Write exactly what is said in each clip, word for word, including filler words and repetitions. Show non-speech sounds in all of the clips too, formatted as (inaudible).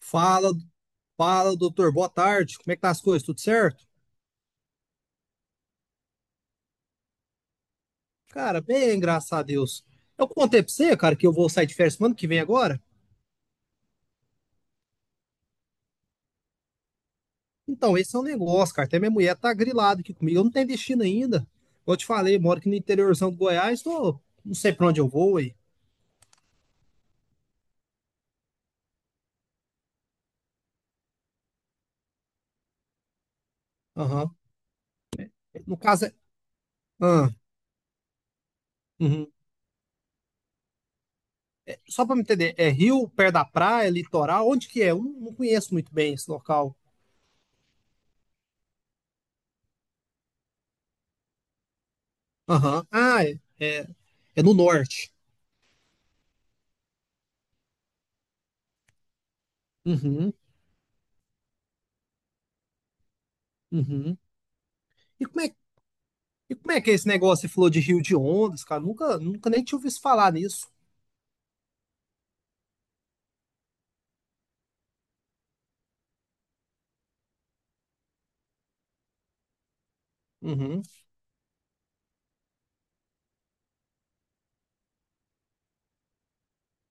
Fala, fala, doutor. Boa tarde. Como é que tá as coisas? Tudo certo? Cara, bem, graças a Deus. Eu contei pra você, cara, que eu vou sair de férias semana que vem agora. Então, esse é um negócio, cara. Até minha mulher tá grilada aqui comigo. Eu não tenho destino ainda. Como eu te falei, moro aqui no interiorzão do Goiás. Tô... Não sei pra onde eu vou aí. Aham. No caso é. Ah, uhum. Só pra me entender, é rio, perto da praia, litoral? Onde que é? Eu não não conheço muito bem esse local. Aham. Ah, é, é, é no norte. Uhum, uhum. E como é, E como é que é esse negócio? Você falou de Rio de Ondas, cara. Nunca, nunca nem tinha ouvido falar nisso. Uhum,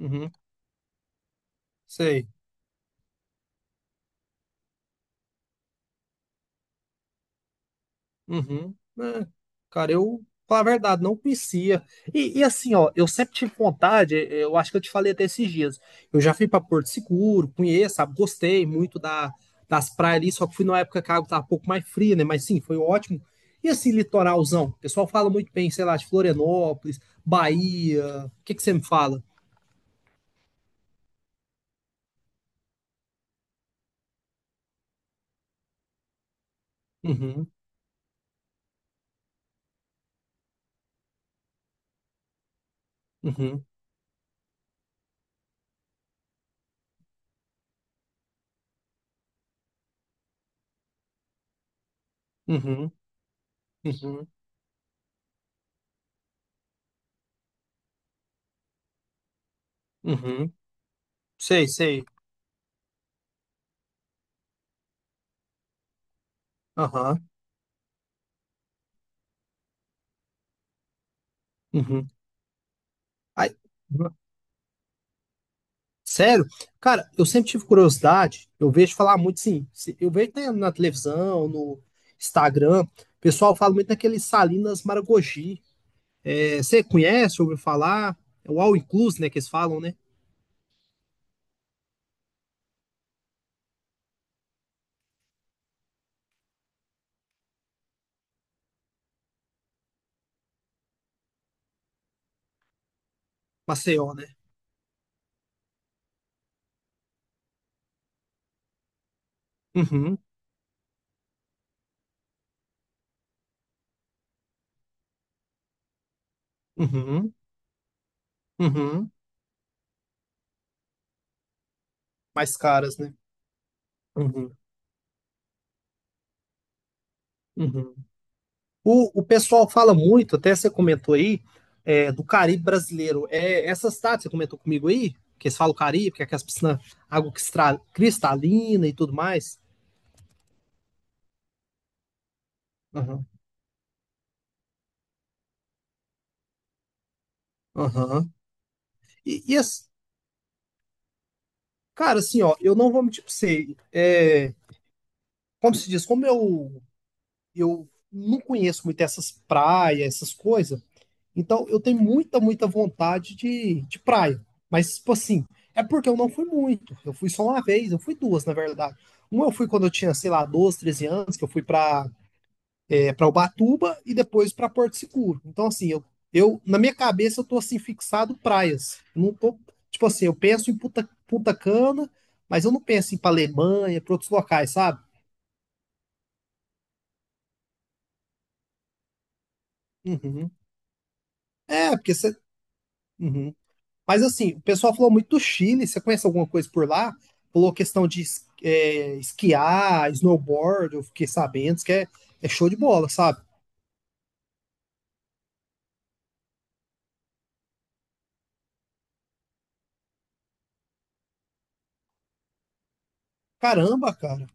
uhum, sei. Uhum. É, cara, eu, falar a verdade, não conhecia. E, e assim, ó, eu sempre tive vontade, eh, eu acho que eu te falei até esses dias. Eu já fui pra Porto Seguro, conheço, sabe, gostei muito da, das praias ali, só que fui numa época que a água tava um pouco mais fria, né? Mas sim, foi ótimo. E assim, litoralzão? O pessoal fala muito bem, sei lá, de Florianópolis, Bahia. O que que você me fala? Uhum, uhum, uhum. Uhum, uhum. Sei, sei. Aham, uhum. Ai, uhum. sério? Cara, eu sempre tive curiosidade, eu vejo falar muito, sim, se- eu vejo, né, na televisão, no Instagram, o pessoal fala muito daquele Salinas Maragogi. É, você conhece, ouviu falar? É o All Inclusive, né, que eles falam, né? Maceió, né? Uhum, uhum, uhum. Mais caras, né? Uhum, uhum. O, o pessoal fala muito, até você comentou aí, é, do Caribe brasileiro. É, essas táticas, você comentou comigo aí, que eles falam Caribe, que é aquelas piscinas, água cristra- cristalina e tudo mais. Aham, aham. E, e as- cara, assim, ó, eu não vou mentir pra você. é, como se diz, como eu, eu não conheço muito essas praias, essas coisas. Então, eu tenho muita, muita vontade de, de praia. Mas, tipo assim, é porque eu não fui muito. Eu fui só uma vez, eu fui duas, na verdade. Uma eu fui quando eu tinha, sei lá, doze, treze anos, que eu fui pra, é, pra Ubatuba e depois pra Porto Seguro. Então, assim, eu, eu, na minha cabeça, eu tô, assim, fixado praias. Eu não tô, tipo assim, eu penso em Punta, Punta Cana, mas eu não penso em ir pra Alemanha, pra outros locais, sabe? Uhum. É, porque você. Mas assim, o pessoal falou muito do Chile. Você conhece alguma coisa por lá? Falou questão de es- é, esquiar, snowboard, eu fiquei sabendo, isso que é, é show de bola, sabe? Caramba, cara.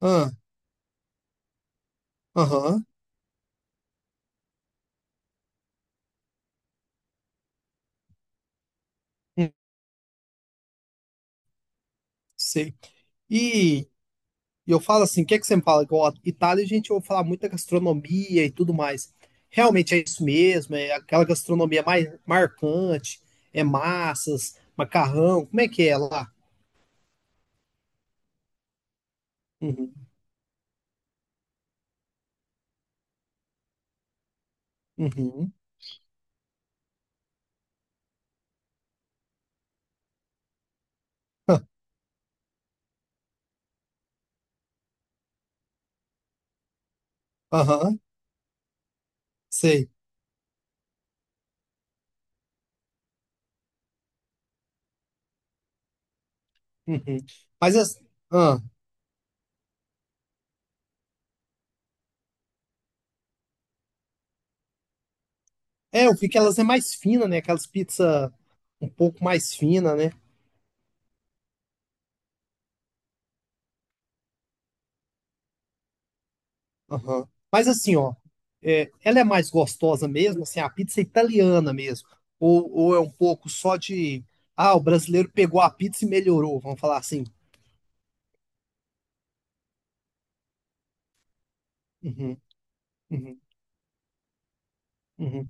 Ah, aham, hum, sei. E, e eu falo assim, o que é que você me fala? Igual, Itália, a gente ouve falar muito da gastronomia e tudo mais. Realmente é isso mesmo, é aquela gastronomia mais marcante, é massas, macarrão, como é que é lá? Uhum, uhum, aham, sei. (laughs) Uhum. Mas as, ah, é, eu vi que elas é mais fina, né? Aquelas pizza um pouco mais fina, né? Aham. Mas assim, ó, é, ela é mais gostosa mesmo, assim, a pizza é italiana mesmo. Ou, ou é um pouco só de, ah, o brasileiro pegou a pizza e melhorou, vamos falar assim. Uhum, uhum, uhum,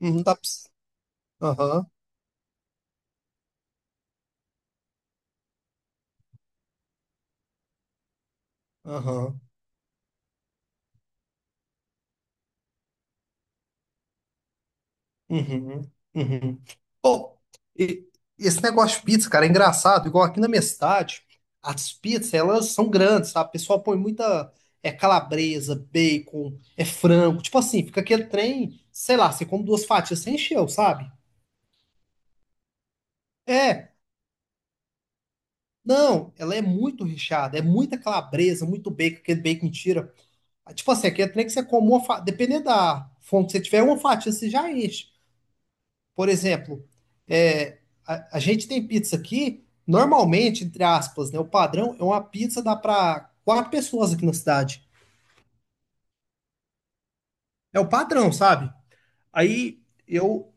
uhum, dá pra- Aham, aham. Uhum, uhum. Bom, e- esse negócio de pizza, cara, é engraçado. Igual aqui na minha cidade, as pizzas, elas são grandes, sabe? O pessoal põe muita é calabresa, bacon, é frango. Tipo assim, fica aquele trem, sei lá, você come duas fatias, você encheu, sabe? É, não, ela é muito recheada, é muita calabresa, muito bacon, aquele bacon tira. Tipo assim, aquele trem que você come uma fatia, dependendo da fome que você tiver, uma fatia você já enche. Por exemplo, é, a, a gente tem pizza aqui, normalmente, entre aspas, né? O padrão é uma pizza dá para quatro pessoas aqui na cidade. É o padrão, sabe? Aí eu,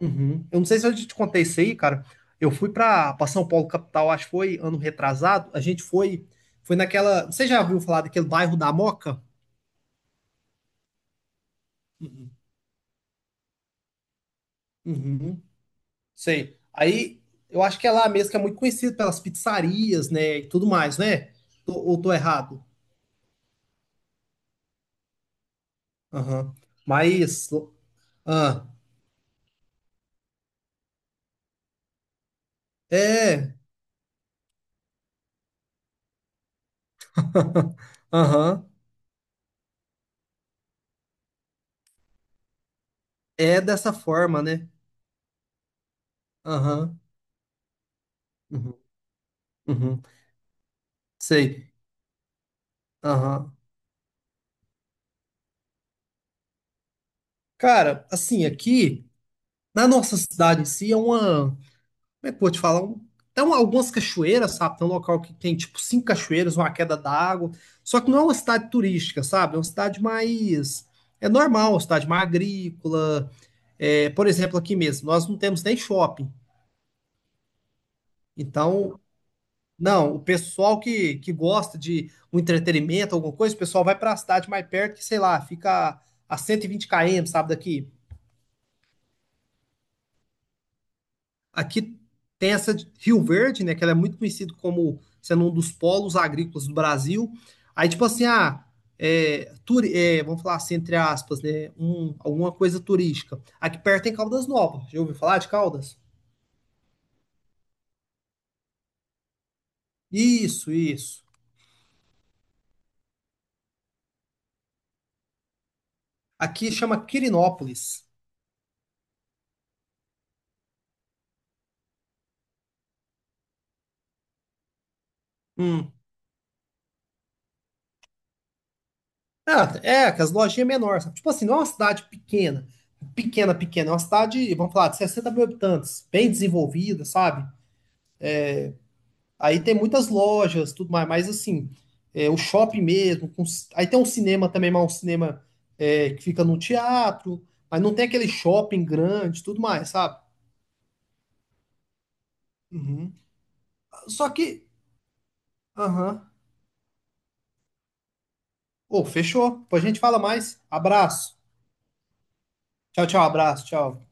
uhum, eu não sei se eu te contei isso aí, cara. Eu fui para São Paulo, capital, acho que foi ano retrasado. A gente foi, foi naquela. Você já ouviu falar daquele bairro da Moca? Uhum, sei. Aí eu acho que é lá mesmo que é muito conhecido pelas pizzarias, né? E tudo mais, né? Tô- ou tô errado? Aham. Mas, ah, é, (laughs) aham, é dessa forma, né? Aham, uhum, uhum, sei, aham. Cara, assim, aqui, na nossa cidade em si, é uma, como é que eu vou te falar? Um, tem um- algumas cachoeiras, sabe? Tem um local que tem, tipo, cinco cachoeiras, uma queda d'água, só que não é uma cidade turística, sabe? É uma cidade mais, é normal, uma cidade mais agrícola, é, por exemplo, aqui mesmo, nós não temos nem shopping, então Não, o pessoal que, que gosta de um entretenimento, alguma coisa, o pessoal vai pra cidade mais perto, que sei lá, fica a cento e vinte quilômetros, sabe, daqui. Aqui tem essa de Rio Verde, né, que ela é muito conhecida como sendo um dos polos agrícolas do Brasil. Aí, tipo assim, ah, é, turi- é, vamos falar assim, entre aspas, né, um, alguma coisa turística. Aqui perto tem Caldas Novas, já ouviu falar de Caldas? Isso, isso. Aqui chama Quirinópolis. Hum. Ah, é, que as lojinhas menores, sabe? Tipo assim, não é uma cidade pequena, pequena, pequena, é uma cidade, vamos falar, de sessenta mil habitantes, bem desenvolvida, sabe? Aí tem muitas lojas, tudo mais, mas assim, é, o shopping mesmo, com ci- aí tem um cinema também, mas um cinema é, que fica no teatro, mas não tem aquele shopping grande, tudo mais, sabe? Uhum. Só que, aham, ô, fechou, depois a gente fala mais, abraço, tchau, tchau, abraço, tchau.